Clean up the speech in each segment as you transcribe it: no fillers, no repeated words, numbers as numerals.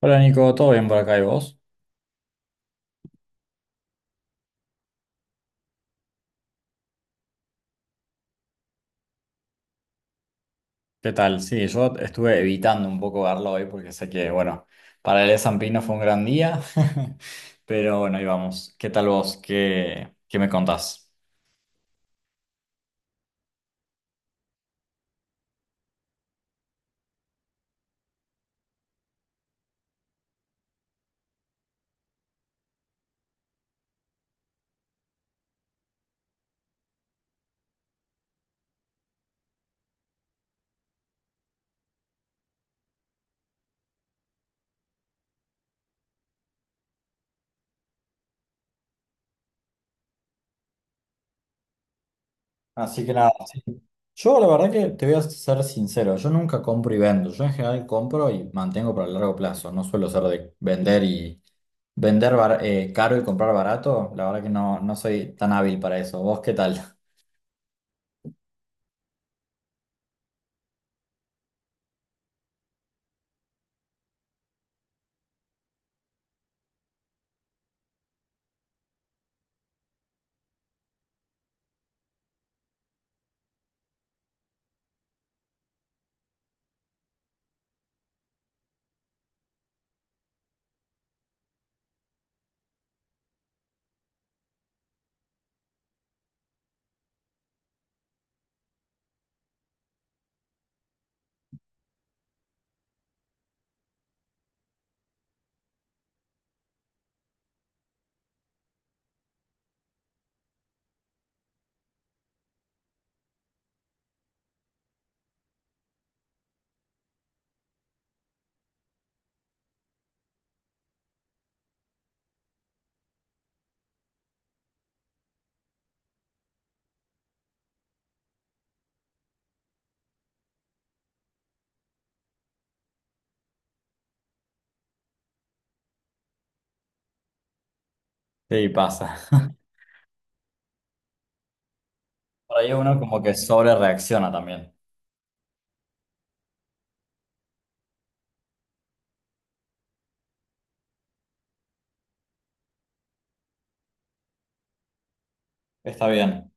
Hola Nico, ¿todo bien por acá y vos? ¿Qué tal? Sí, yo estuve evitando un poco verlo hoy porque sé que, bueno, para el S&P no fue un gran día, pero bueno, ahí vamos. ¿Qué tal vos? ¿Qué me contás? Así que nada, sí. Yo la verdad que te voy a ser sincero, yo nunca compro y vendo, yo en general compro y mantengo para el largo plazo, no suelo ser de vender y vender caro y comprar barato, la verdad que no, no soy tan hábil para eso. ¿Vos qué tal? Sí, pasa. Por ahí uno como que sobre reacciona también. Está bien.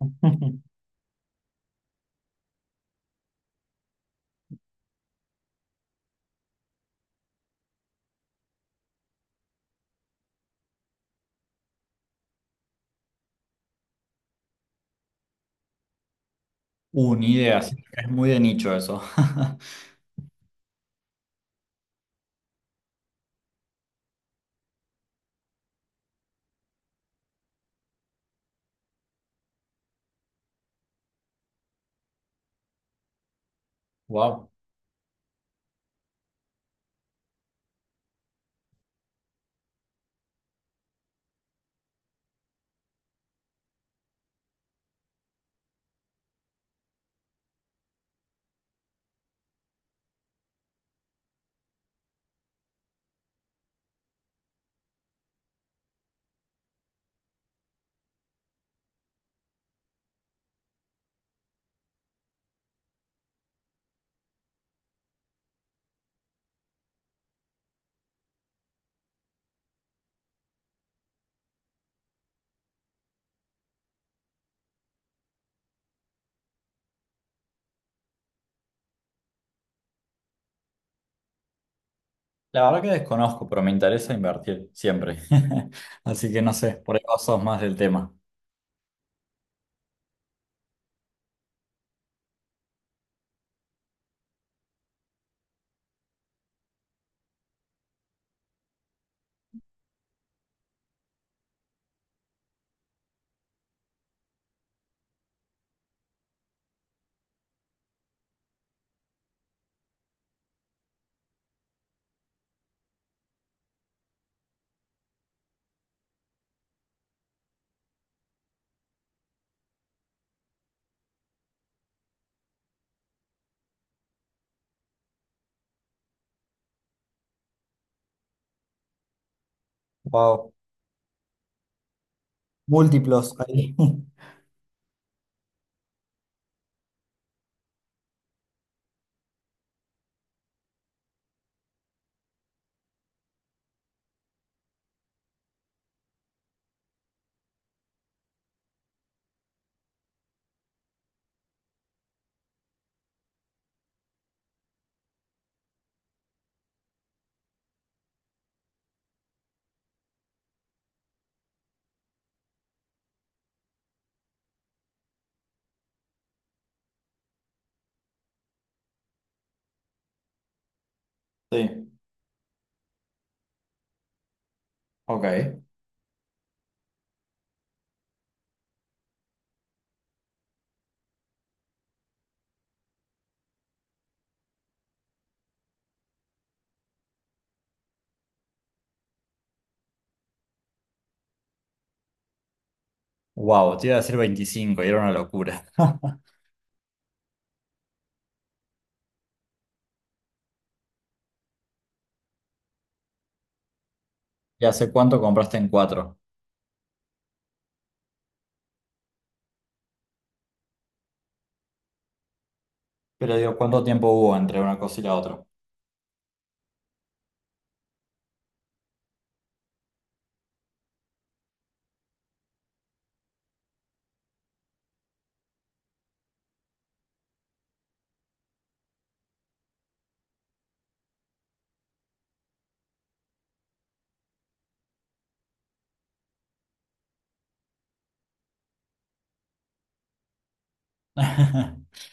Una idea, sí, es muy de nicho eso. Wow. La verdad que desconozco, pero me interesa invertir siempre. Así que no sé, por ahí vos sos más del tema. Wow. Múltiplos ahí. Sí, ok. Wow, te iba a decir 25, y era una locura. ¿Y hace cuánto compraste en cuatro? Pero digo, ¿cuánto tiempo hubo entre una cosa y la otra?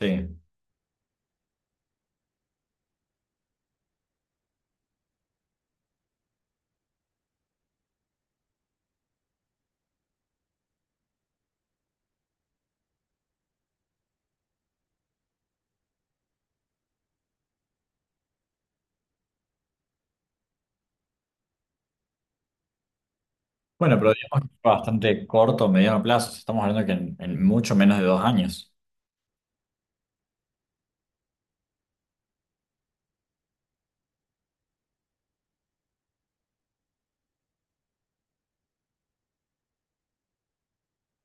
Sí. Bueno, pero digamos que fue bastante corto, mediano plazo. Si estamos hablando que en mucho menos de 2 años.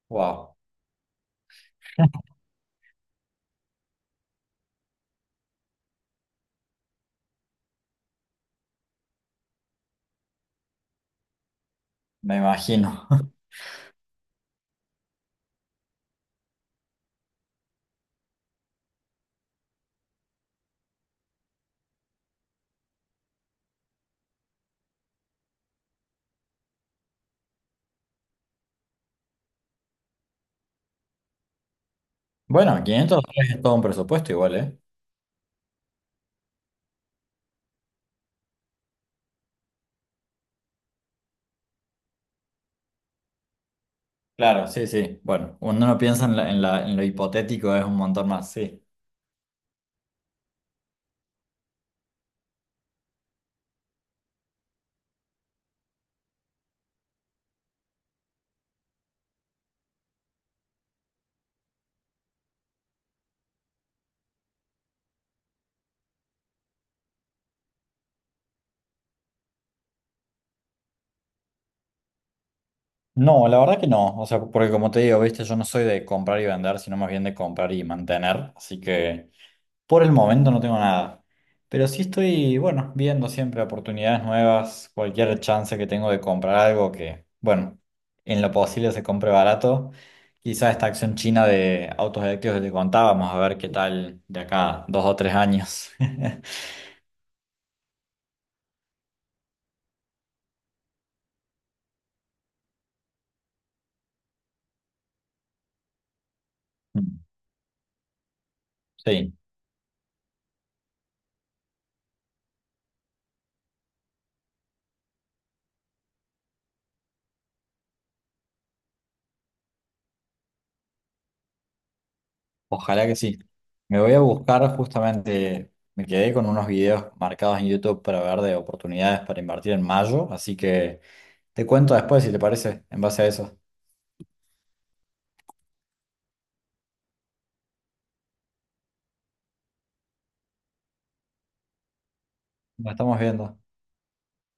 Wow. Me imagino. Bueno, $500 es todo un presupuesto igual, ¿eh? Claro, sí, sí. Bueno, uno no piensa en lo hipotético, es un montón más, sí. No, la verdad que no. O sea, porque como te digo, viste, yo no soy de comprar y vender, sino más bien de comprar y mantener. Así que por el momento no tengo nada. Pero sí estoy, bueno, viendo siempre oportunidades nuevas, cualquier chance que tengo de comprar algo que, bueno, en lo posible se compre barato. Quizá esta acción china de autos eléctricos que te contaba, vamos a ver qué tal de acá 2 o 3 años. Sí. Ojalá que sí. Me voy a buscar justamente, me quedé con unos videos marcados en YouTube para ver de oportunidades para invertir en mayo, así que te cuento después si te parece, en base a eso. Nos estamos viendo.